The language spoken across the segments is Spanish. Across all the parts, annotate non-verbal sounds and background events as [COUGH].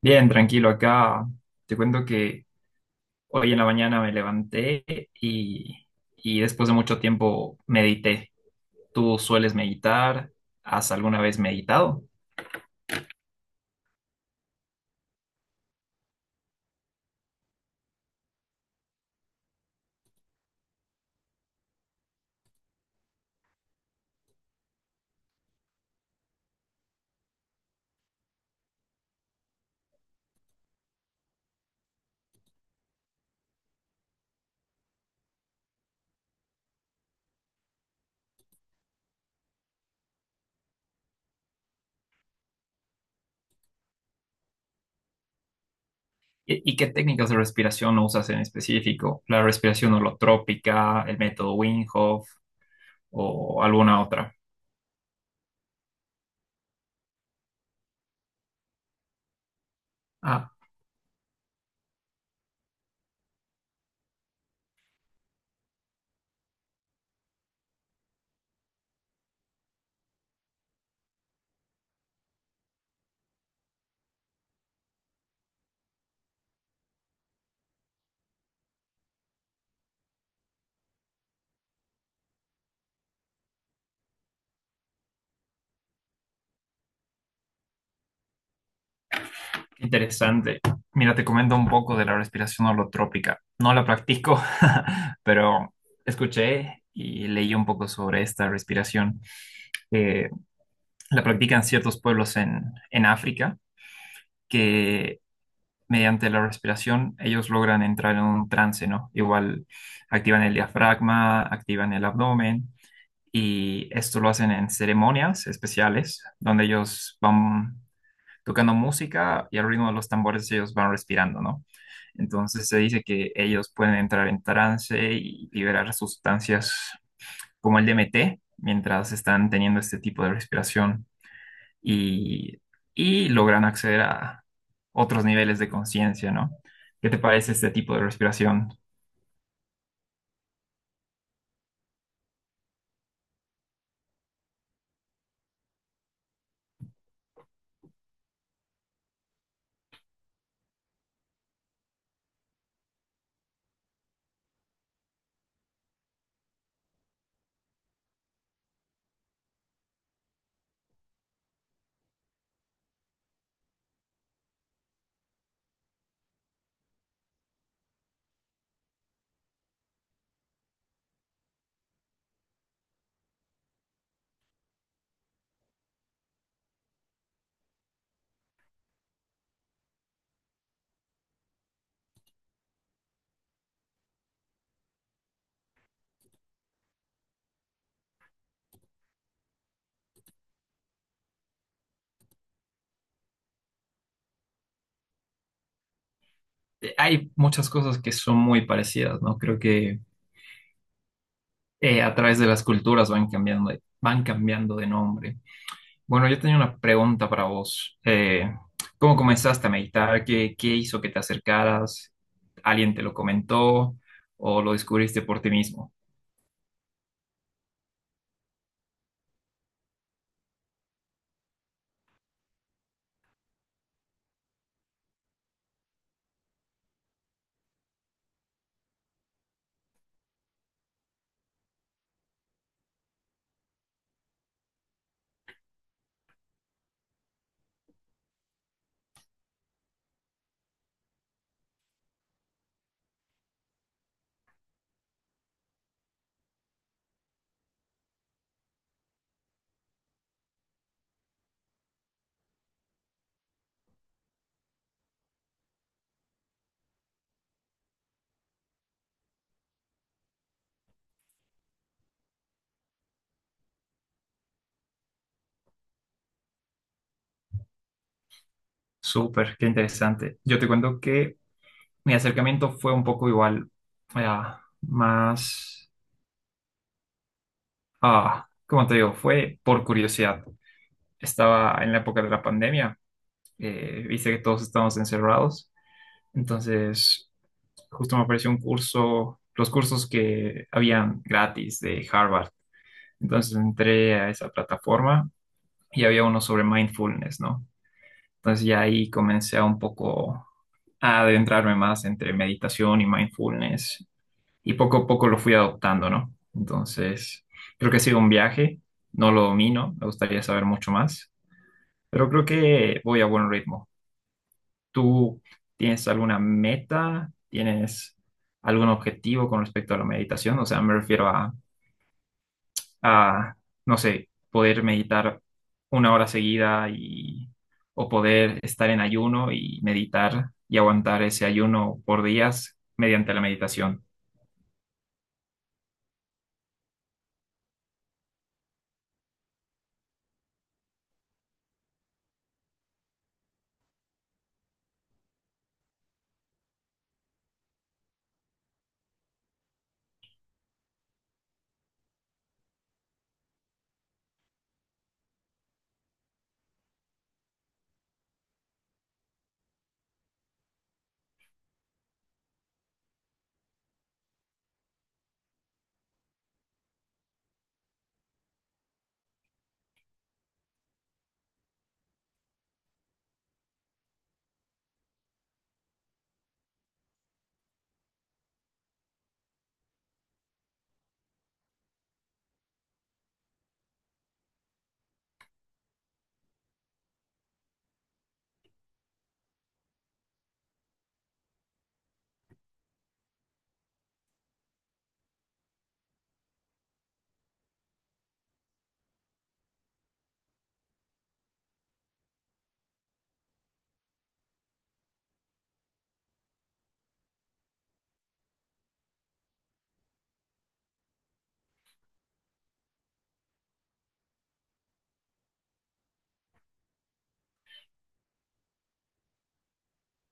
Bien, tranquilo, acá te cuento que hoy en la mañana me levanté y, y después de mucho tiempo medité. ¿Tú sueles meditar? ¿Has alguna vez meditado? ¿Y qué técnicas de respiración usas en específico? ¿La respiración holotrópica, el método Wim Hof o alguna otra? Ah, interesante. Mira, te comento un poco de la respiración holotrópica. No la practico, [LAUGHS] pero escuché y leí un poco sobre esta respiración. Eh, la practican ciertos pueblos en África que mediante la respiración ellos logran entrar en un trance, ¿no? Igual activan el diafragma, activan el abdomen y esto lo hacen en ceremonias especiales donde ellos van tocando música y al ritmo de los tambores ellos van respirando, ¿no? Entonces se dice que ellos pueden entrar en trance y liberar sustancias como el DMT mientras están teniendo este tipo de respiración y, y logran acceder a otros niveles de conciencia, ¿no? ¿Qué te parece este tipo de respiración? Hay muchas cosas que son muy parecidas, ¿no? Creo que a través de las culturas van cambiando, van cambiando de nombre. Bueno, yo tenía una pregunta para vos. ¿Cómo comenzaste a meditar? ¿Qué hizo que te acercaras? ¿Alguien te lo comentó o lo descubriste por ti mismo? Súper, qué interesante. Yo te cuento que mi acercamiento fue un poco igual, más, ¿cómo te digo? Fue por curiosidad. Estaba en la época de la pandemia, viste que todos estábamos encerrados, entonces justo me apareció un curso, los cursos que habían gratis de Harvard. Entonces entré a esa plataforma y había uno sobre mindfulness, ¿no? Entonces ya ahí comencé a un poco a adentrarme más entre meditación y mindfulness y poco a poco lo fui adoptando, ¿no? Entonces creo que ha sido un viaje, no lo domino, me gustaría saber mucho más, pero creo que voy a buen ritmo. ¿Tú tienes alguna meta? ¿Tienes algún objetivo con respecto a la meditación? O sea, me refiero a, no sé, poder meditar una hora seguida o poder estar en ayuno y meditar y aguantar ese ayuno por días mediante la meditación.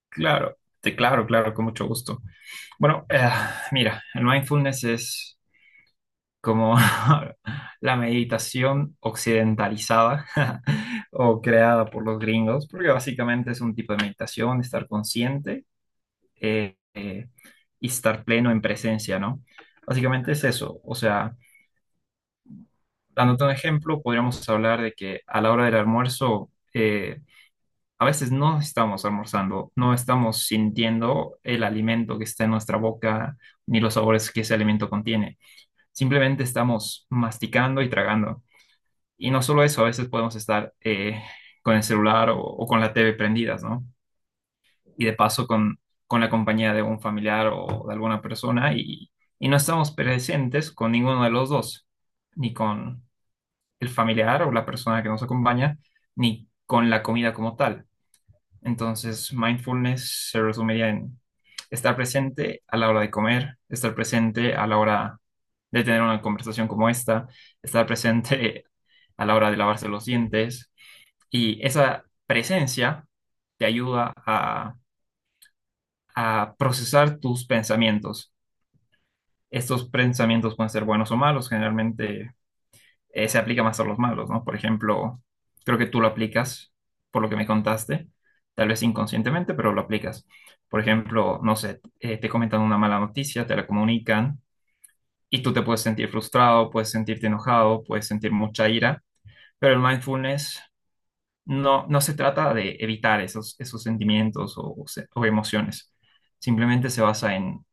Claro, claro, claro, con mucho gusto. Bueno, mira, el mindfulness es como [LAUGHS] la meditación occidentalizada [LAUGHS] o creada por los gringos, porque básicamente es un tipo de meditación, estar consciente eh, eh, y estar pleno en presencia, ¿no? Básicamente es eso. O sea, dándote un ejemplo, podríamos hablar de que a la hora del almuerzo, a veces no estamos almorzando, no estamos sintiendo el alimento que está en nuestra boca, ni los sabores que ese alimento contiene. Simplemente estamos masticando y tragando. Y no solo eso, a veces podemos estar con el celular o con la TV prendidas, ¿no? Y de paso con la compañía de un familiar o de alguna persona y no estamos presentes con ninguno de los dos, ni con el familiar o la persona que nos acompaña, ni con la comida como tal. Entonces, mindfulness se resumiría en estar presente a la hora de comer, estar presente a la hora de tener una conversación como esta, estar presente [LAUGHS] a la hora de lavarse los dientes y esa presencia te ayuda a procesar tus pensamientos. Estos pensamientos pueden ser buenos o malos, generalmente se aplica más a los malos, ¿no? Por ejemplo, creo que tú lo aplicas, por lo que me contaste, tal vez inconscientemente, pero lo aplicas. Por ejemplo, no sé, te comentan una mala noticia, te la comunican y tú te puedes sentir frustrado, puedes sentirte enojado, puedes sentir mucha ira, pero el mindfulness no se trata de evitar esos sentimientos o o emociones. Simplemente se basa en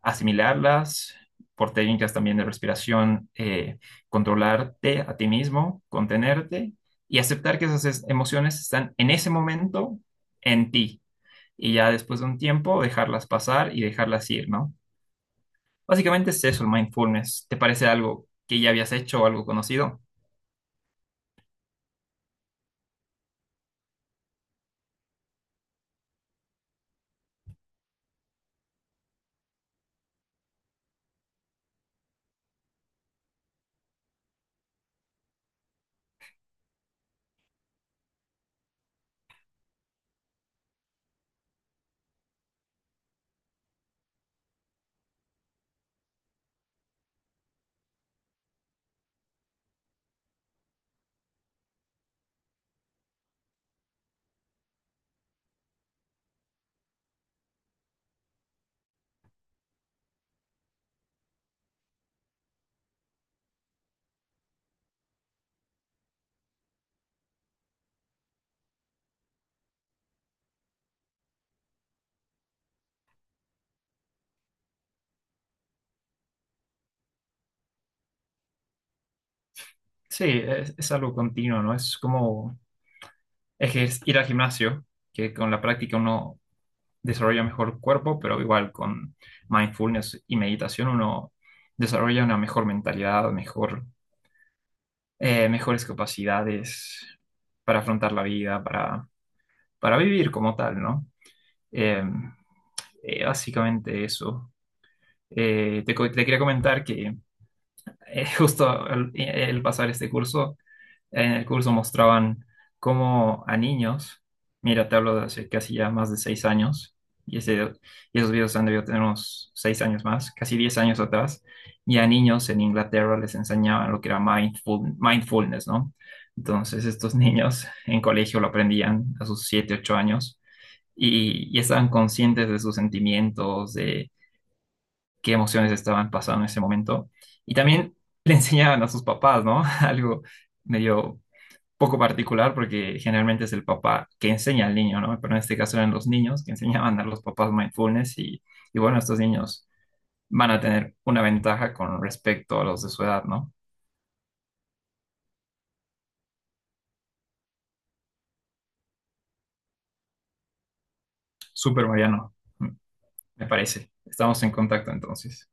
asimilarlas por técnicas también de respiración, controlarte a ti mismo, contenerte y aceptar que emociones están en ese momento en ti. Y ya después de un tiempo dejarlas pasar y dejarlas ir, ¿no? Básicamente es eso el mindfulness. ¿Te parece algo que ya habías hecho o algo conocido? Sí, es algo continuo, ¿no? Es como ir al gimnasio, que con la práctica uno desarrolla mejor el cuerpo, pero igual con mindfulness y meditación uno desarrolla una mejor mentalidad, mejor, mejores capacidades para afrontar la vida, para vivir como tal, ¿no? Eh, Básicamente eso. Te quería comentar que [LAUGHS] justo el pasar este curso, en el curso mostraban cómo a niños, mira, te hablo de hace casi ya más de 6 años, y, ese- y esos videos han debido tener unos 6 años más, casi 10 años atrás, y a niños en Inglaterra les enseñaban lo que era mindfulness, ¿no? Entonces estos niños en colegio lo aprendían a sus siete, 8 años, y estaban conscientes de sus sentimientos, de qué emociones estaban pasando en ese momento, y también [LAUGHS] le enseñaban a sus papás, ¿no? [LAUGHS] Algo medio poco particular porque generalmente es el papá que enseña al niño, ¿no? Pero en este caso eran los niños que enseñaban a los papás mindfulness y bueno, estos niños van a tener una ventaja con respecto a los de su edad, ¿no? Súper Mariano, me parece. Estamos en contacto entonces.